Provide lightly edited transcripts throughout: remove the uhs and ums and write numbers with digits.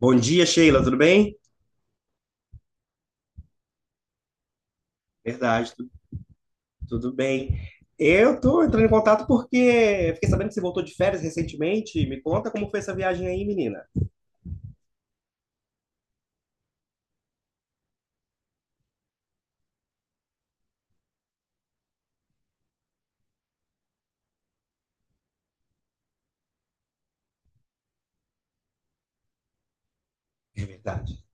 Bom dia, Sheila, tudo bem? Verdade, tu- Tudo bem. Eu tô entrando em contato porque fiquei sabendo que você voltou de férias recentemente. Me conta como foi essa viagem aí, menina. É verdade.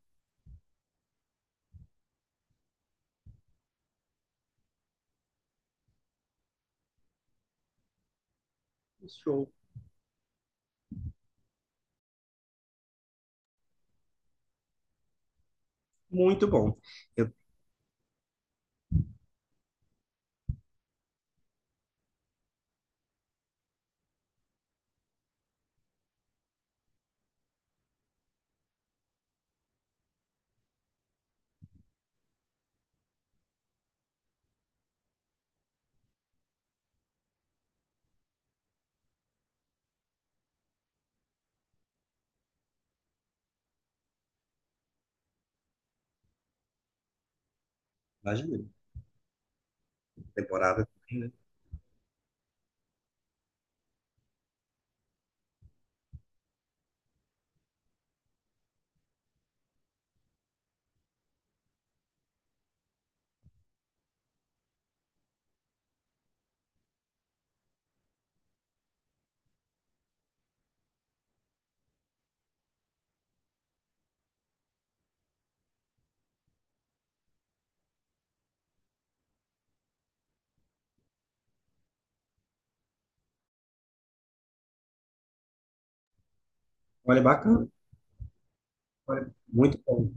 Show. Muito bom. Eu imagino. Temporada. Também, né? Olha, bacana. Olha, muito bom.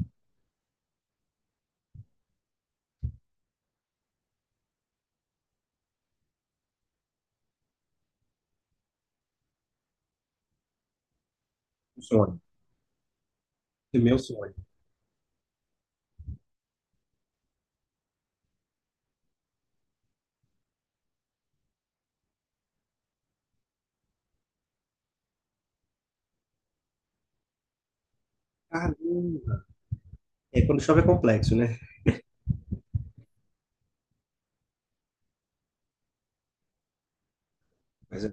Um sonho. É meu sonho. Caramba. É, quando chove é complexo, né? Mas é,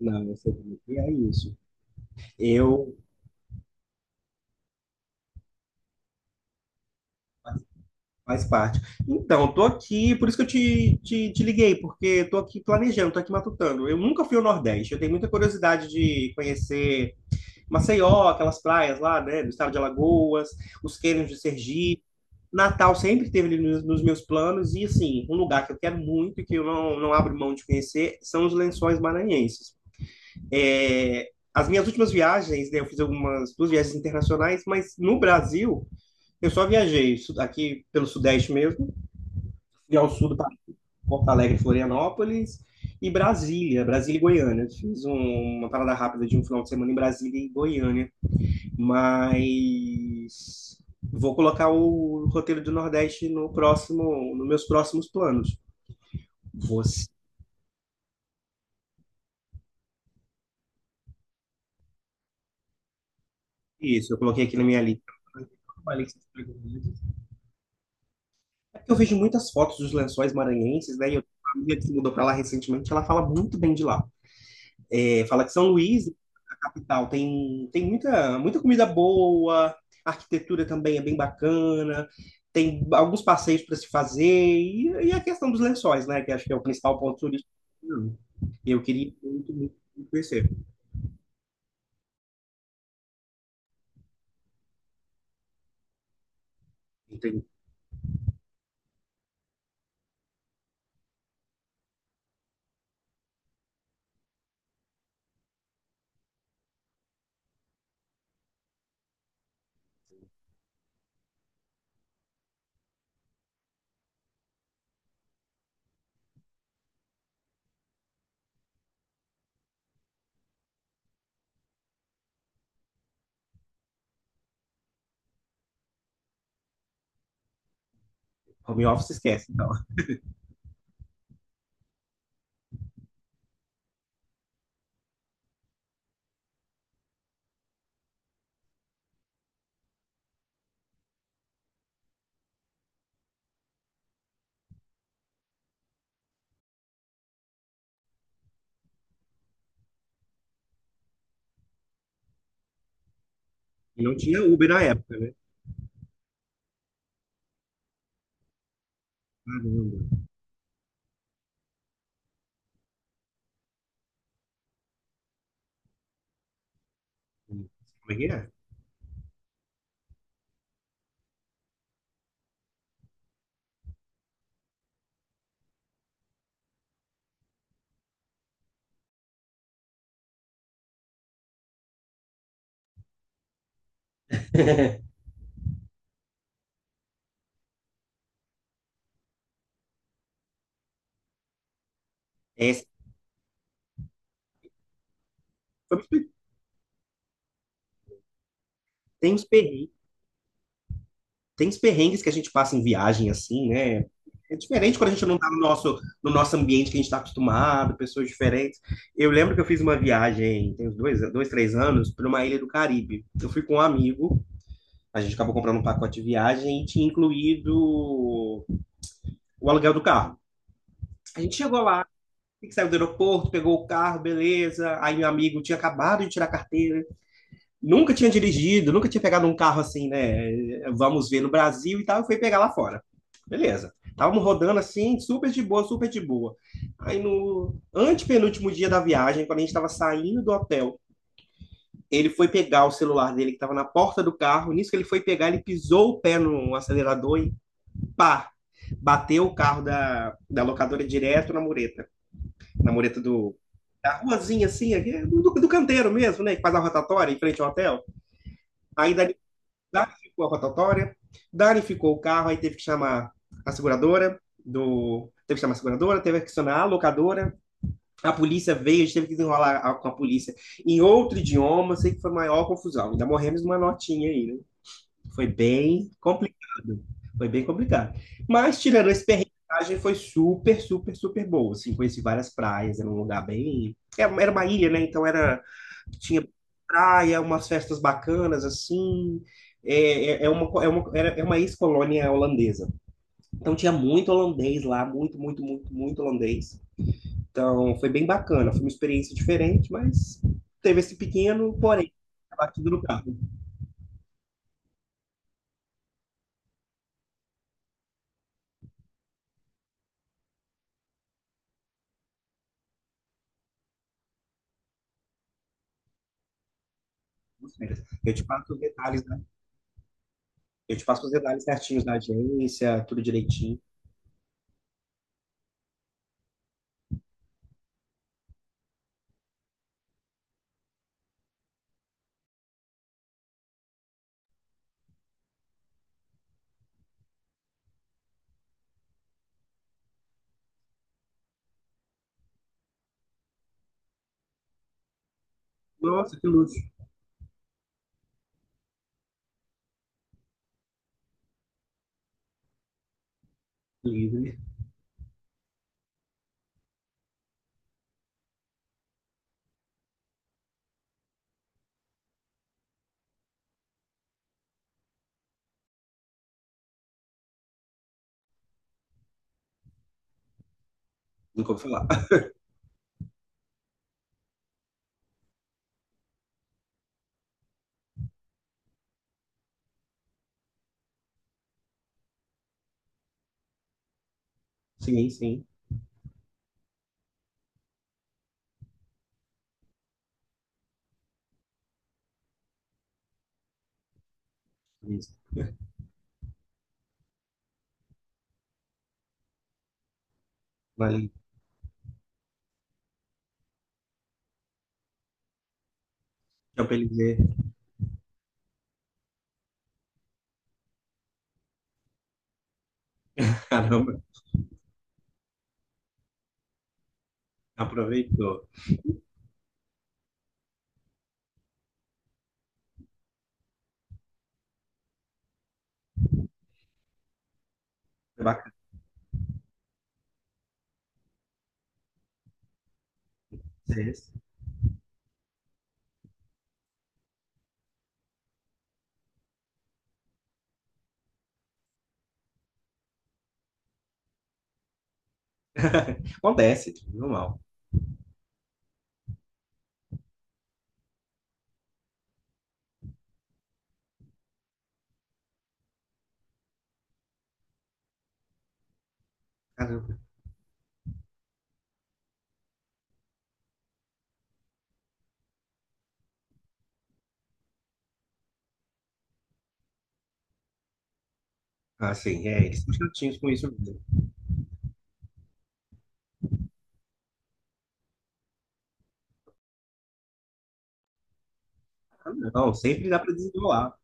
não, eu sei como é que é isso. Eu Faz parte. Então, tô aqui, por isso que eu te liguei, porque tô aqui planejando, tô aqui matutando. Eu nunca fui ao Nordeste, eu tenho muita curiosidade de conhecer Maceió, aquelas praias lá, né, do estado de Alagoas, os cânions de Sergipe. Natal sempre esteve ali nos meus planos, e assim, um lugar que eu quero muito e que eu não abro mão de conhecer são os Lençóis Maranhenses. É, as minhas últimas viagens, né, eu fiz algumas duas viagens internacionais, mas no Brasil eu só viajei aqui pelo Sudeste mesmo. Fui ao sul do Pará, Porto Alegre, Florianópolis e Brasília, Brasília e Goiânia. Uma parada rápida de um final de semana em Brasília e Goiânia, mas vou colocar o roteiro do Nordeste no próximo, nos meus próximos planos. Você, isso, eu coloquei aqui na minha lista. É porque eu vejo muitas fotos dos lençóis maranhenses, né? E eu tenho uma amiga que se mudou para lá recentemente, ela fala muito bem de lá. É, fala que São Luís capital. Tem muita, muita comida boa, a arquitetura também é bem bacana, tem alguns passeios para se fazer, e, a questão dos lençóis, né? Que acho que é o principal ponto turístico. Hum. E eu queria muito, muito conhecer. Não tem home office, esquece. Então. E não tinha Uber na época, né? Caramba. Como é que é? É, tem uns perrengues, tem os perrengues que a gente passa em viagem, assim, né? É diferente quando a gente não tá no nosso ambiente que a gente tá acostumado, pessoas diferentes. Eu lembro que eu fiz uma viagem, tem uns dois, três anos, para uma ilha do Caribe. Eu fui com um amigo, a gente acabou comprando um pacote de viagem e tinha incluído o aluguel do carro. A gente chegou lá, tem que sair do aeroporto, pegou o carro, beleza. Aí meu amigo tinha acabado de tirar a carteira, nunca tinha dirigido, nunca tinha pegado um carro assim, né? Vamos ver no Brasil e tal, e foi pegar lá fora. Beleza. Estávamos rodando assim, super de boa, super de boa. Aí no antepenúltimo dia da viagem, quando a gente estava saindo do hotel, ele foi pegar o celular dele que estava na porta do carro. Nisso que ele foi pegar, ele pisou o pé no acelerador e pá! Bateu o carro da locadora direto na mureta. Na mureta da ruazinha assim, aqui, do canteiro mesmo, né? Que faz a rotatória em frente ao hotel. Aí da Danificou a rotatória, danificou o carro, aí teve que chamar a seguradora do. Teve que chamar a seguradora, teve que acionar a locadora, a polícia veio, a gente teve que desenrolar com a polícia em outro idioma, sei que foi a maior confusão. Ainda morremos numa notinha aí, né? Foi bem complicado. Foi bem complicado. Mas, tirando esse perrengue, a viagem foi super, super, super boa. Assim, conheci várias praias, era um lugar bem. Era uma ilha, né? Então era. Tinha praia, umas festas bacanas, assim. É, é, é uma, co- é uma, era- é uma ex-colônia holandesa. Então tinha muito holandês lá, muito, muito, muito, muito holandês. Então foi bem bacana. Foi uma experiência diferente, mas teve esse pequeno, porém, abatido no carro. Eu te passo os detalhes Eu te passo os detalhes certinhos da agência, tudo direitinho. Nossa, que luxo. Livre. Nunca ouvi falar. Sim, sim. Isso. Valeu. Champs-Élysées. Caramba, aproveitou. É bacana. É esse. Acontece, normal. Caramba. Assim, é, eles são chatinhos com isso mesmo. Ah, não, sempre dá pra desenrolar.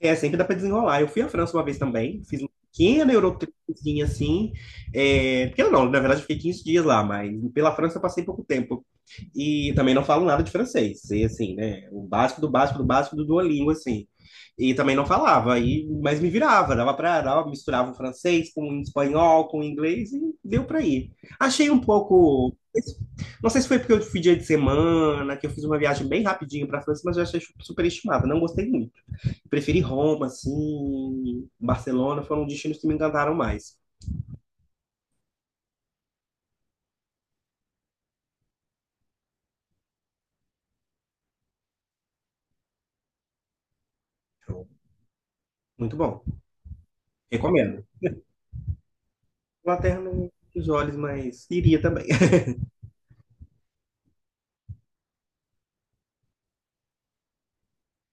É, sempre dá para desenrolar. Eu fui à França uma vez também, fiz uma pequena Eurotripzinha assim. É, pequena não, na verdade eu fiquei 15 dias lá, mas pela França eu passei pouco tempo. E também não falo nada de francês, e assim, né? O básico do básico do básico do Duolingo, assim. E também não falava, e, mas me virava, dava pra, dava, misturava o francês com o espanhol, com o inglês, e deu pra ir. Achei um pouco. Não sei se foi porque eu fui dia de semana, que eu fiz uma viagem bem rapidinho pra França, mas eu achei super estimada, não gostei muito. Preferi Roma, assim, Barcelona, foram destinos que me encantaram mais. Show. Muito bom. Recomendo. Inglaterra não os olhos, mas iria também.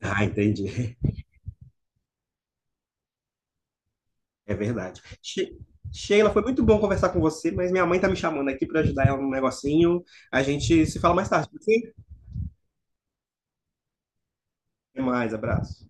Ah, entendi. É verdade. Sheila, foi muito bom conversar com você, mas minha mãe tá me chamando aqui para ajudar ela num negocinho. A gente se fala mais tarde. Ok? Até mais, abraço.